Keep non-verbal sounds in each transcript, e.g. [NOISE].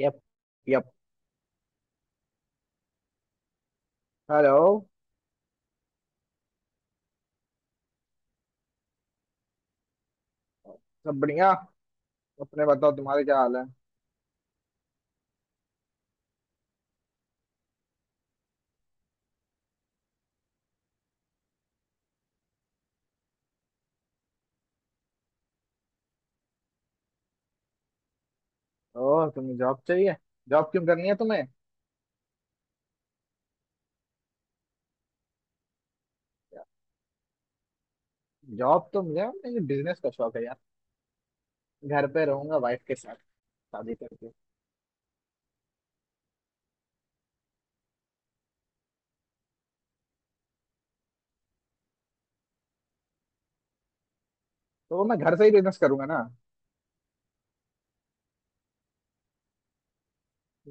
Yup. Yep. Hello. सब बढ़िया। अपने बताओ तुम्हारे क्या हाल है। ओह तुम्हें जॉब चाहिए। जॉब क्यों करनी है तुम्हें। जॉब तो मुझे मुझे बिजनेस का शौक है यार। घर पे रहूंगा वाइफ के साथ शादी करके। तो वो मैं घर से ही बिजनेस करूंगा ना।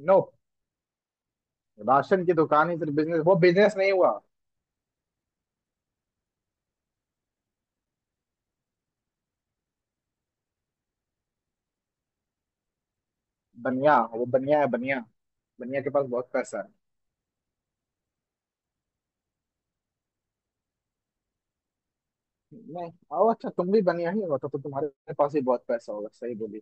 नो। राशन की दुकान ही सिर्फ बिजनेस वो बिजनेस नहीं हुआ। बनिया वो बनिया है बनिया। बनिया के पास बहुत पैसा है। नहीं आओ अच्छा तुम भी बनिया ही हो तो तुम्हारे पास ही बहुत पैसा होगा सही बोली।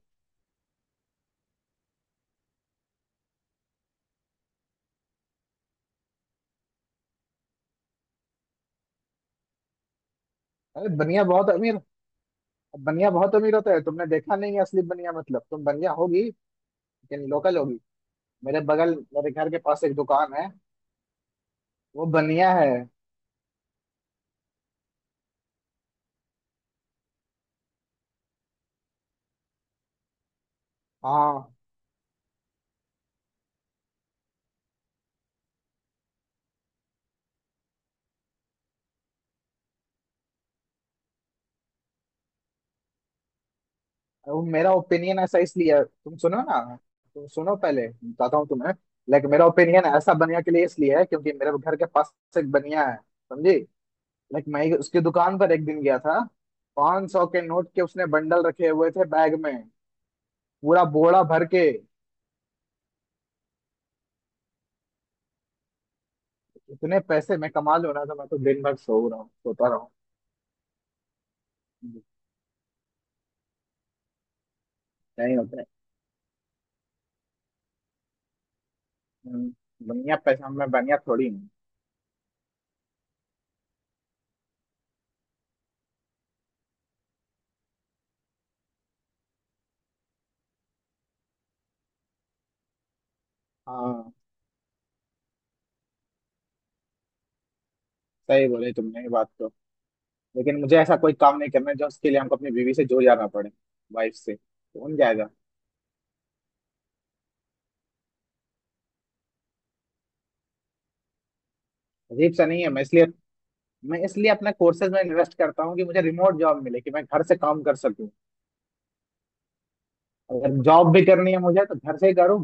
अरे बनिया बहुत अमीर। बनिया बहुत अमीर होता है, तुमने देखा नहीं है असली बनिया। मतलब तुम बनिया होगी, यानी लोकल होगी। मेरे बगल मेरे घर के पास एक दुकान है, वो बनिया है। हाँ। वो मेरा ओपिनियन ऐसा तुम सुनो ना। तुम सुनो पहले बताता हूँ तुम्हें। लाइक मेरा ओपिनियन ऐसा बनिया के लिए इसलिए है क्योंकि मेरे घर के पास एक बनिया है, समझी। लाइक मैं उसकी दुकान पर एक दिन गया था। 500 के नोट के उसने बंडल रखे हुए थे बैग में, पूरा बोरा भर के। इतने पैसे मैं कमा लूं ना तो मैं तो दिन भर सो रहा हूँ, सोता रहा हूँ। नहीं होता है। हम्म, बनिया पैसा, मैं बनिया थोड़ी हूँ। हाँ सही बोले तुमने ये बात तो। लेकिन मुझे ऐसा कोई काम नहीं करना है जो उसके लिए हमको अपनी बीवी से जुड़ जाना पड़े। वाइफ से तो उन जाएगा। अजीब सा नहीं है। मैं इसलिए अपने कोर्सेज में इन्वेस्ट करता हूँ कि मुझे रिमोट जॉब मिले, कि मैं घर से काम कर सकूँ। अगर जॉब भी करनी है मुझे तो घर से ही करूँ।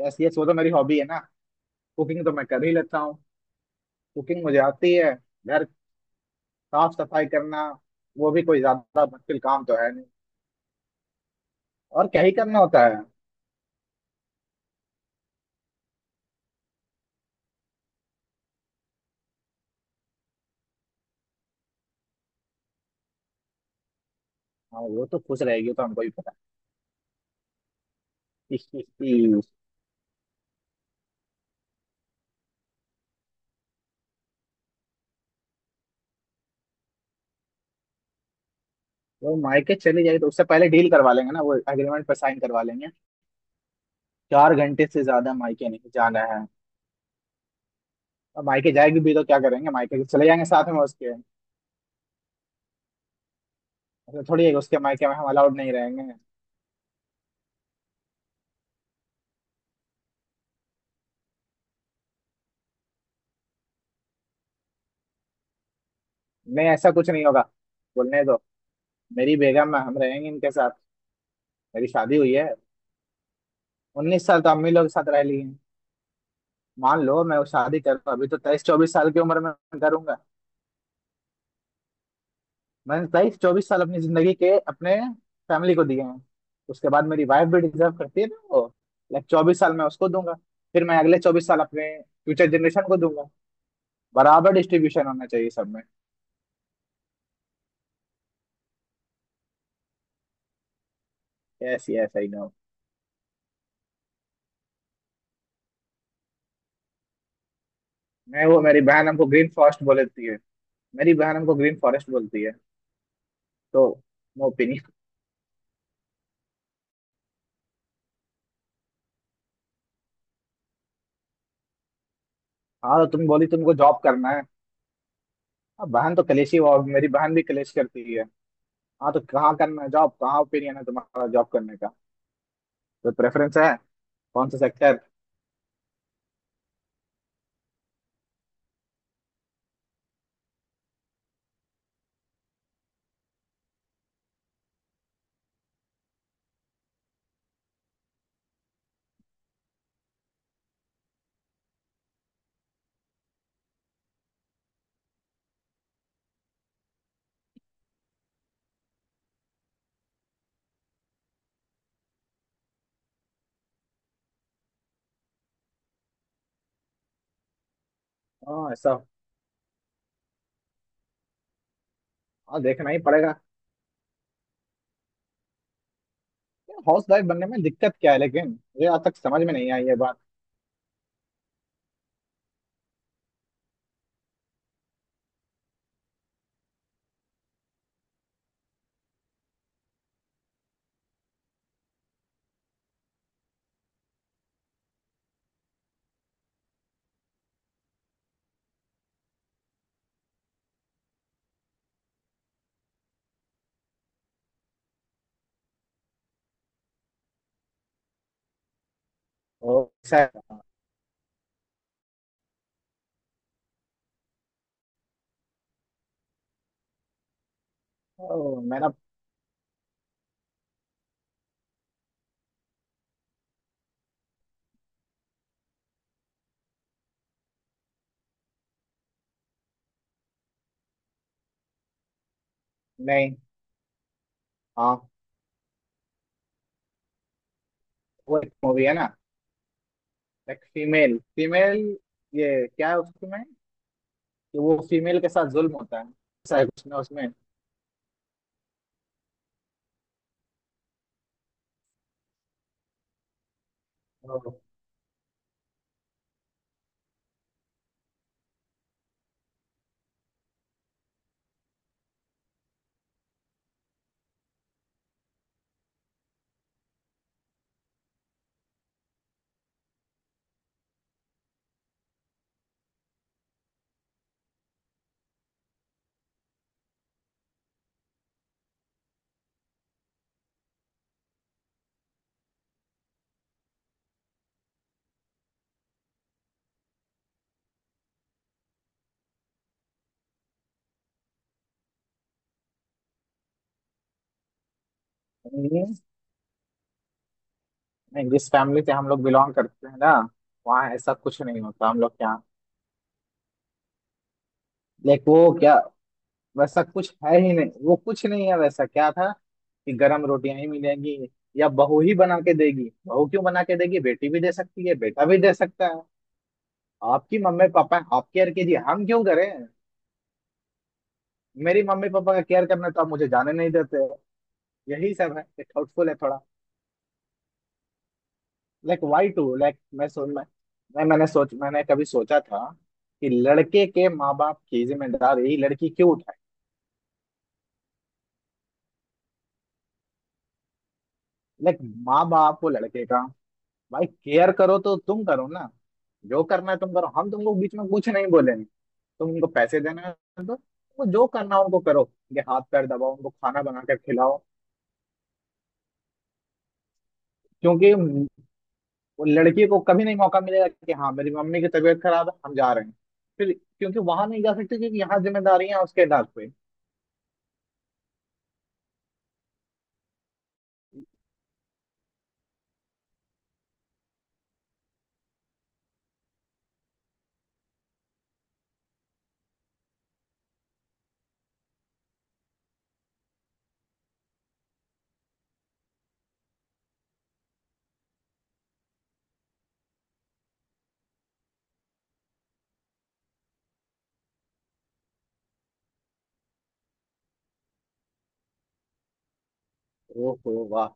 यस ये वो तो मेरी हॉबी है ना। कुकिंग तो मैं कर ही लेता हूँ। कुकिंग मुझे आती है। घर साफ सफाई करना, वो भी कोई ज्यादा मुश्किल काम तो है नहीं। और क्या ही करना होता है। हाँ वो तो खुश रहेगी, वो तो हमको ही पता है। [LAUGHS] वो मायके चली जाएगी तो उससे पहले डील करवा लेंगे ना, वो एग्रीमेंट पर साइन करवा लेंगे। 4 घंटे से ज्यादा मायके नहीं जाना है। अब मायके जाएगी भी तो क्या करेंगे, मायके तो चले जाएंगे साथ में उसके। ऐसा थोड़ी है कि उसके मायके में हम अलाउड नहीं रहेंगे। नहीं ऐसा कुछ नहीं होगा। बोलने दो। मेरी बेगम है, हम रहेंगे इनके साथ। मेरी शादी हुई है। 19 साल तो अम्मी लोग के साथ रह ली है। मान लो मैं वो शादी करूँ अभी तो 23-24 साल की उम्र में। करूंगा। मैंने 23-24 साल अपनी जिंदगी के अपने फैमिली को दिए हैं। उसके बाद मेरी वाइफ भी डिजर्व करती है ना वो। लाइक 24 साल मैं उसको दूंगा। फिर मैं अगले 24 साल अपने फ्यूचर जनरेशन को दूंगा। बराबर डिस्ट्रीब्यूशन होना चाहिए सब में। Yes yes I know. मैं वो मेरी बहन हमको ग्रीन फॉरेस्ट बोल देती है। मेरी बहन हमको ग्रीन फॉरेस्ट बोलती है तो। No opinion. हाँ तो तुम बोली तुमको जॉब करना है। अब बहन तो कलेशी हुआ, मेरी बहन भी कलेश करती है। हाँ तो कहाँ करना है जॉब, कहाँ ओपिनियन है तुम्हारा जॉब करने का, तो प्रेफरेंस है। कौन सा सेक्टर। हाँ ऐसा। हाँ देखना ही पड़ेगा। हाउस वाइफ बनने में दिक्कत क्या है लेकिन, मुझे आज तक समझ में नहीं आई ये बात। ओ, शायद, मैं ना। नहीं। हाँ वो एक मूवी है ना। एक फीमेल फीमेल। ये क्या है उसमें, कि वो फीमेल के साथ जुल्म होता है, ऐसा है उसमें उसमें। ओ, नहीं जिस फैमिली से हम लोग बिलोंग करते हैं ना, वहाँ ऐसा कुछ नहीं होता हम लोग के यहाँ। लाइक वो क्या, वैसा कुछ है ही नहीं, वो कुछ नहीं है वैसा। क्या था, कि गरम रोटियां ही मिलेंगी, या बहू ही बना के देगी। बहू क्यों बना के देगी, बेटी भी दे सकती है, बेटा भी दे सकता है। आपकी मम्मी पापा आप केयर कीजिए, हम क्यों करें। मेरी मम्मी पापा का केयर करना तो आप मुझे जाने नहीं देते। यही सब है, ये हाउटफुल है थोड़ा। लाइक वाई टू लाइक मैं सोच मैं, मैंने कभी सोचा था कि लड़के के माँ बाप की जिम्मेदारी लड़की क्यों उठाए। लाइक माँ बाप हो लड़के का भाई, केयर करो तो तुम करो ना। जो करना है तुम करो, हम तुमको बीच में कुछ नहीं बोलेंगे। तुम उनको पैसे देना है तो, वो जो करना है उनको करो, उनके हाथ पैर दबाओ, उनको खाना बना कर खिलाओ। क्योंकि वो लड़की को कभी नहीं मौका मिलेगा कि हाँ मेरी मम्मी की तबीयत खराब है हम जा रहे हैं। फिर क्योंकि वहां नहीं जा सकते, क्योंकि यहाँ जिम्मेदारियां हैं उसके इलाज पे। ओहो वाह।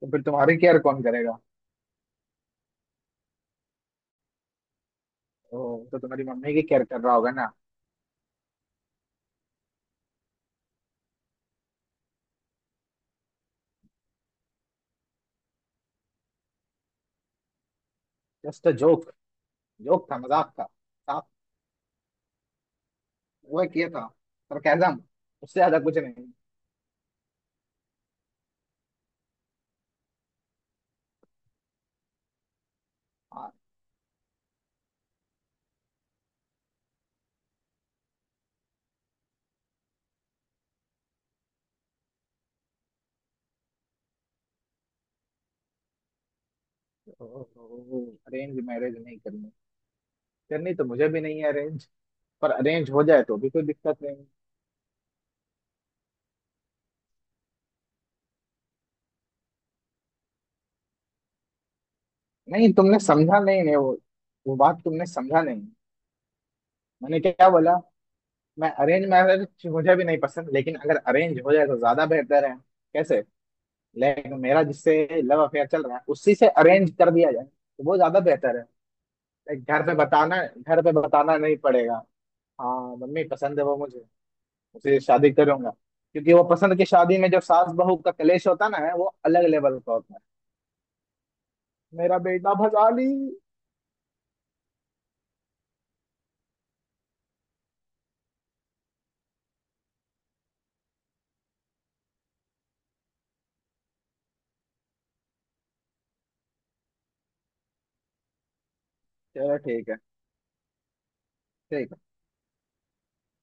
तो फिर तुम्हारी केयर कौन करेगा। ओह तो तुम्हारी मम्मी की केयर कर रहा होगा ना। Just a joke. जोक था, मजाक था साफ, वो किया था, सरकाजम, उससे ज्यादा कुछ नहीं। अरेंज मैरिज नहीं करनी। करनी तो मुझे भी नहीं है अरेंज, पर अरेंज हो जाए तो भी कोई दिक्कत नहीं। नहीं तुमने समझा नहीं नहीं वो वो बात तुमने समझा नहीं। मैंने क्या बोला। मैं अरेंज मैरिज मुझे भी नहीं पसंद, लेकिन अगर अरेंज हो जाए तो ज्यादा बेहतर है। कैसे। लाइक मेरा जिससे लव अफेयर चल रहा है उसी से अरेंज कर दिया जाए तो वो ज्यादा बेहतर है। लाइक घर पे बताना नहीं पड़ेगा। हाँ मम्मी पसंद है वो, उसे शादी करूंगा। क्योंकि वो पसंद की शादी में जब सास बहू का कलेश होता है ना, वो अलग लेवल का होता है। मेरा बेटा भगा ली। चलो ठीक है। ठीक।